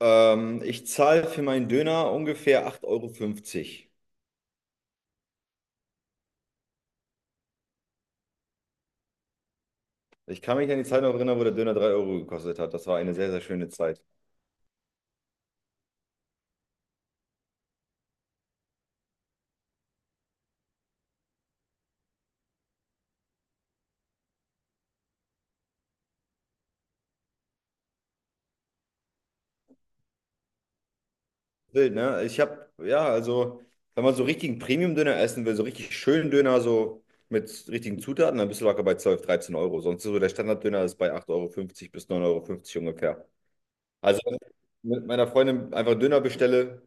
Ich zahle für meinen Döner ungefähr 8,50 Euro. Fünfzig. Ich kann mich an die Zeit noch erinnern, wo der Döner 3 Euro gekostet hat. Das war eine sehr, sehr schöne Zeit. Wild, ne? Ich habe, ja, also, wenn man so richtigen Premium-Döner essen will, so richtig schönen Döner, so mit richtigen Zutaten, dann bist du locker bei 12, 13 Euro. Sonst so der Standard-Döner ist bei 8,50 Euro fünfzig bis 9,50 Euro fünfzig ungefähr. Also, wenn ich mit meiner Freundin einfach Döner bestelle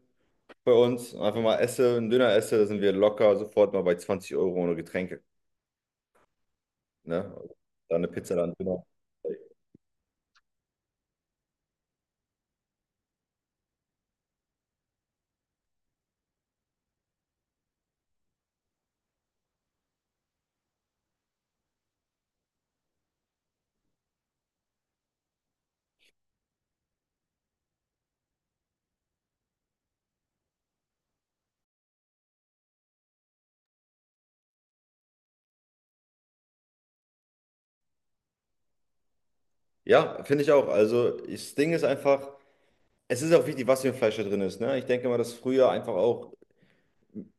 bei uns, einfach mal esse, einen Döner esse, sind wir locker sofort mal bei 20 Euro ohne Getränke. Ne? Da eine Pizza, dann Döner. Ja, finde ich auch. Also das Ding ist einfach, es ist auch wichtig, was für ein Fleisch da drin ist. Ne? Ich denke mal, dass früher einfach auch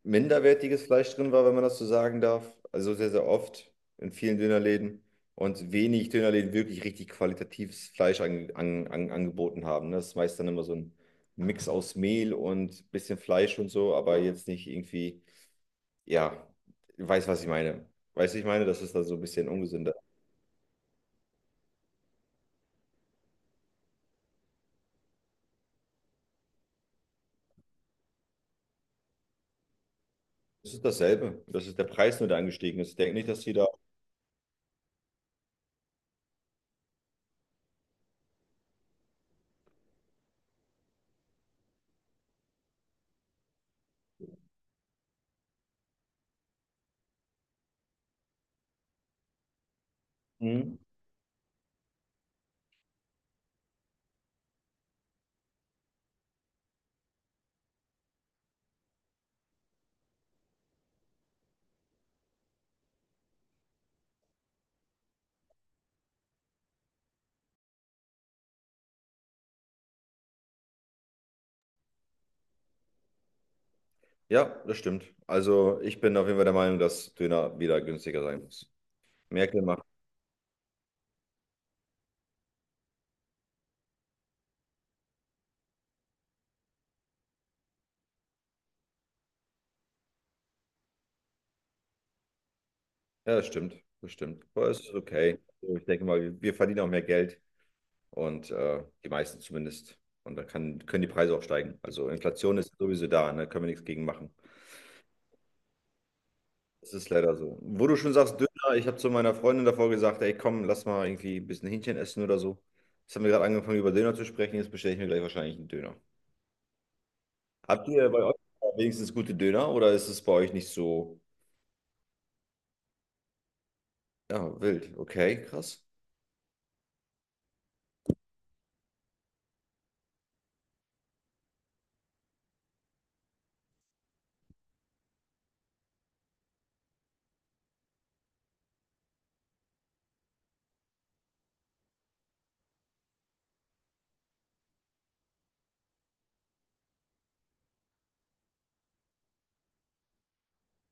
minderwertiges Fleisch drin war, wenn man das so sagen darf. Also sehr, sehr oft in vielen Dönerläden und wenig Dönerläden wirklich richtig qualitatives Fleisch angeboten haben. Ne? Das ist meist dann immer so ein Mix aus Mehl und bisschen Fleisch und so, aber jetzt nicht irgendwie, ja, weiß, was ich meine. Weißt du, ich meine, das ist dann so ein bisschen ungesünder. Es ist dasselbe. Das ist der Preis nur, der angestiegen ist. Ich denke nicht, dass die da. Mhm. Ja, das stimmt. Also ich bin auf jeden Fall der Meinung, dass Döner wieder günstiger sein muss. Merkel macht. Ja, das stimmt. Das stimmt. Aber es ist okay. Also ich denke mal, wir verdienen auch mehr Geld und die meisten zumindest. Und dann können die Preise auch steigen. Also Inflation ist sowieso da, ne? Können wir nichts gegen machen. Das ist leider so. Wo du schon sagst, Döner, ich habe zu meiner Freundin davor gesagt, ey, komm, lass mal irgendwie ein bisschen Hähnchen essen oder so. Jetzt haben wir gerade angefangen, über Döner zu sprechen. Jetzt bestelle ich mir gleich wahrscheinlich einen Döner. Habt ihr bei euch wenigstens gute Döner oder ist es bei euch nicht so? Ja, wild. Okay, krass.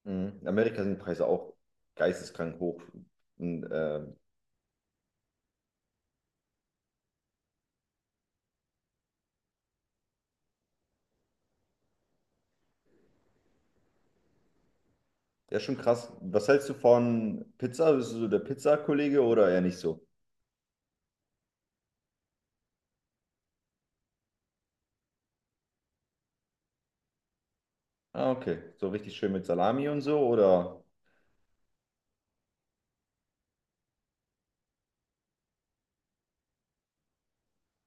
Mhm. In Amerika sind die Preise auch geisteskrank hoch. Und, ja, schon krass. Was hältst du von Pizza? Bist du so der Pizzakollege oder eher nicht so? Ah, okay. So richtig schön mit Salami und so oder?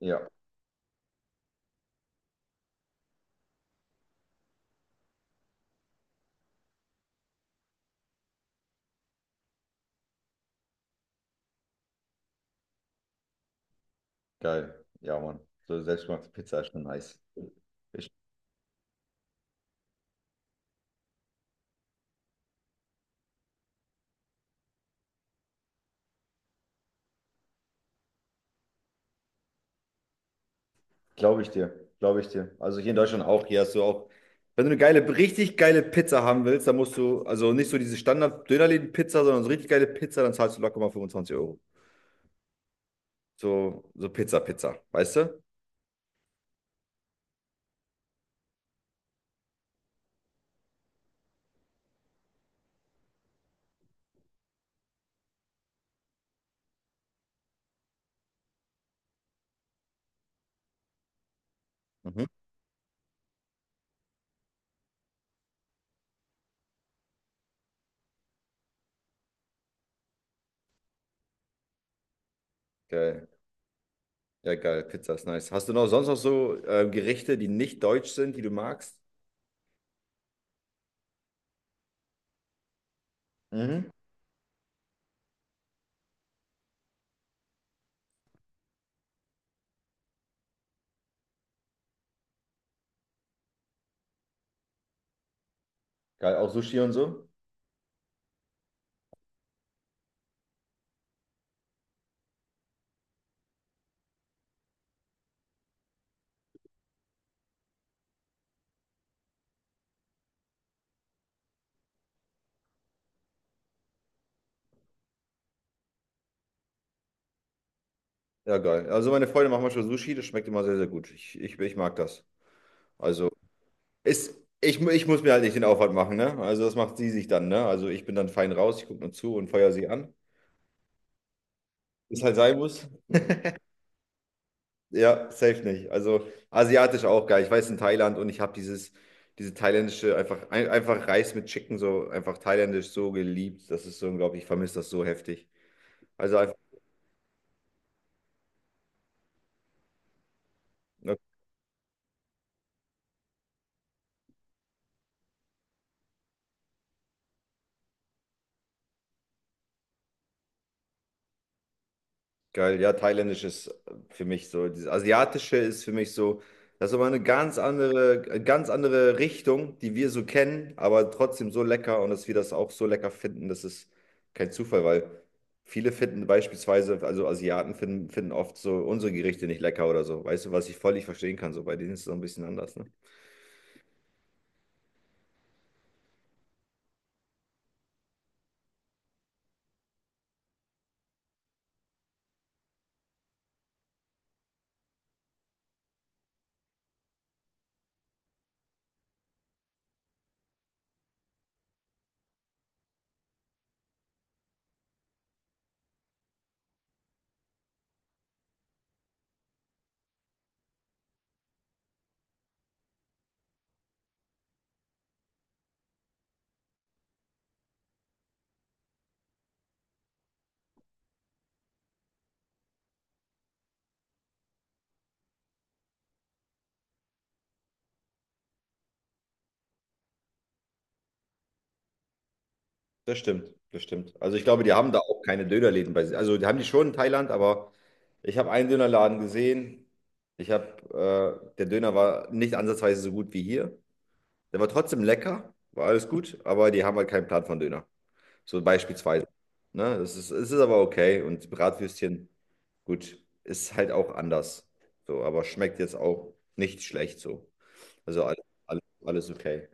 Ja, geil. Ja, Mann. So selbstgemachte Pizza ist schon nice. Glaube ich dir, glaube ich dir. Also hier in Deutschland auch, hier hast du auch, wenn du eine geile, richtig geile Pizza haben willst, dann musst du, also nicht so diese Standard-Dönerläden-Pizza, sondern so richtig geile Pizza, dann zahlst du locker mal 25 Euro. So, so Pizza, Pizza, weißt du? Mhm. Geil. Ja, geil, Pizza ist nice. Hast du noch sonst noch so Gerichte, die nicht deutsch sind, die du magst? Mhm. Geil, auch Sushi und so? Ja, geil. Also meine Freunde machen manchmal Sushi, das schmeckt immer sehr, sehr gut. Ich mag das. Also, Ist, ich muss mir halt nicht den Aufwand machen, ne? Also das macht sie sich dann, ne? Also ich bin dann fein raus, ich gucke nur zu und feuer sie an. Ist halt sein muss. Ja, safe nicht. Also asiatisch auch geil. Ich weiß in Thailand und ich habe dieses, diese thailändische, einfach, ein, einfach Reis mit Chicken, so einfach thailändisch so geliebt. Das ist so unglaublich, ich vermisse das so heftig. Also einfach, geil, ja, thailändisch ist für mich so, dieses asiatische ist für mich so, das ist aber eine ganz andere Richtung, die wir so kennen, aber trotzdem so lecker und dass wir das auch so lecker finden, das ist kein Zufall, weil viele finden beispielsweise, also Asiaten finden, finden oft so unsere Gerichte nicht lecker oder so, weißt du, was ich völlig verstehen kann, so bei denen ist es so ein bisschen anders, ne? Das stimmt, das stimmt. Also ich glaube, die haben da auch keine Dönerläden bei sich. Also die haben die schon in Thailand, aber ich habe einen Dönerladen gesehen. Der Döner war nicht ansatzweise so gut wie hier. Der war trotzdem lecker, war alles gut, aber die haben halt keinen Plan von Döner. So beispielsweise. Ne? Das ist, es ist aber okay. Und Bratwürstchen, gut, ist halt auch anders. So, aber schmeckt jetzt auch nicht schlecht so. Also alles, alles, alles okay.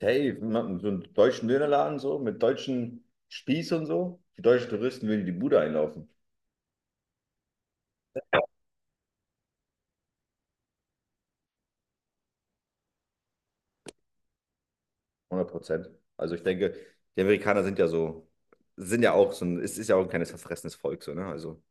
Hey, so einen deutschen Dönerladen so, mit deutschen Spieß und so. Die deutschen Touristen würden die Bude einlaufen. 100%. Also ich denke, die Amerikaner sind ja so, sind ja auch so ein, es ist ja auch ein kleines verfressenes Volk so, ne? Also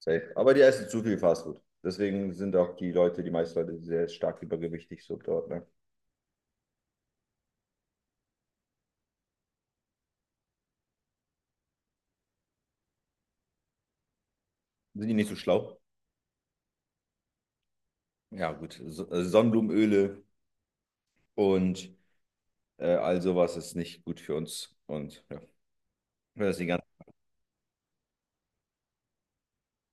safe. Aber die essen zu viel Fastfood. Deswegen sind auch die Leute, die meisten Leute sehr stark übergewichtig so dort, ne? Sind die nicht so schlau? Ja, gut. So, Sonnenblumenöle und all sowas ist nicht gut für uns. Und ja, das ist die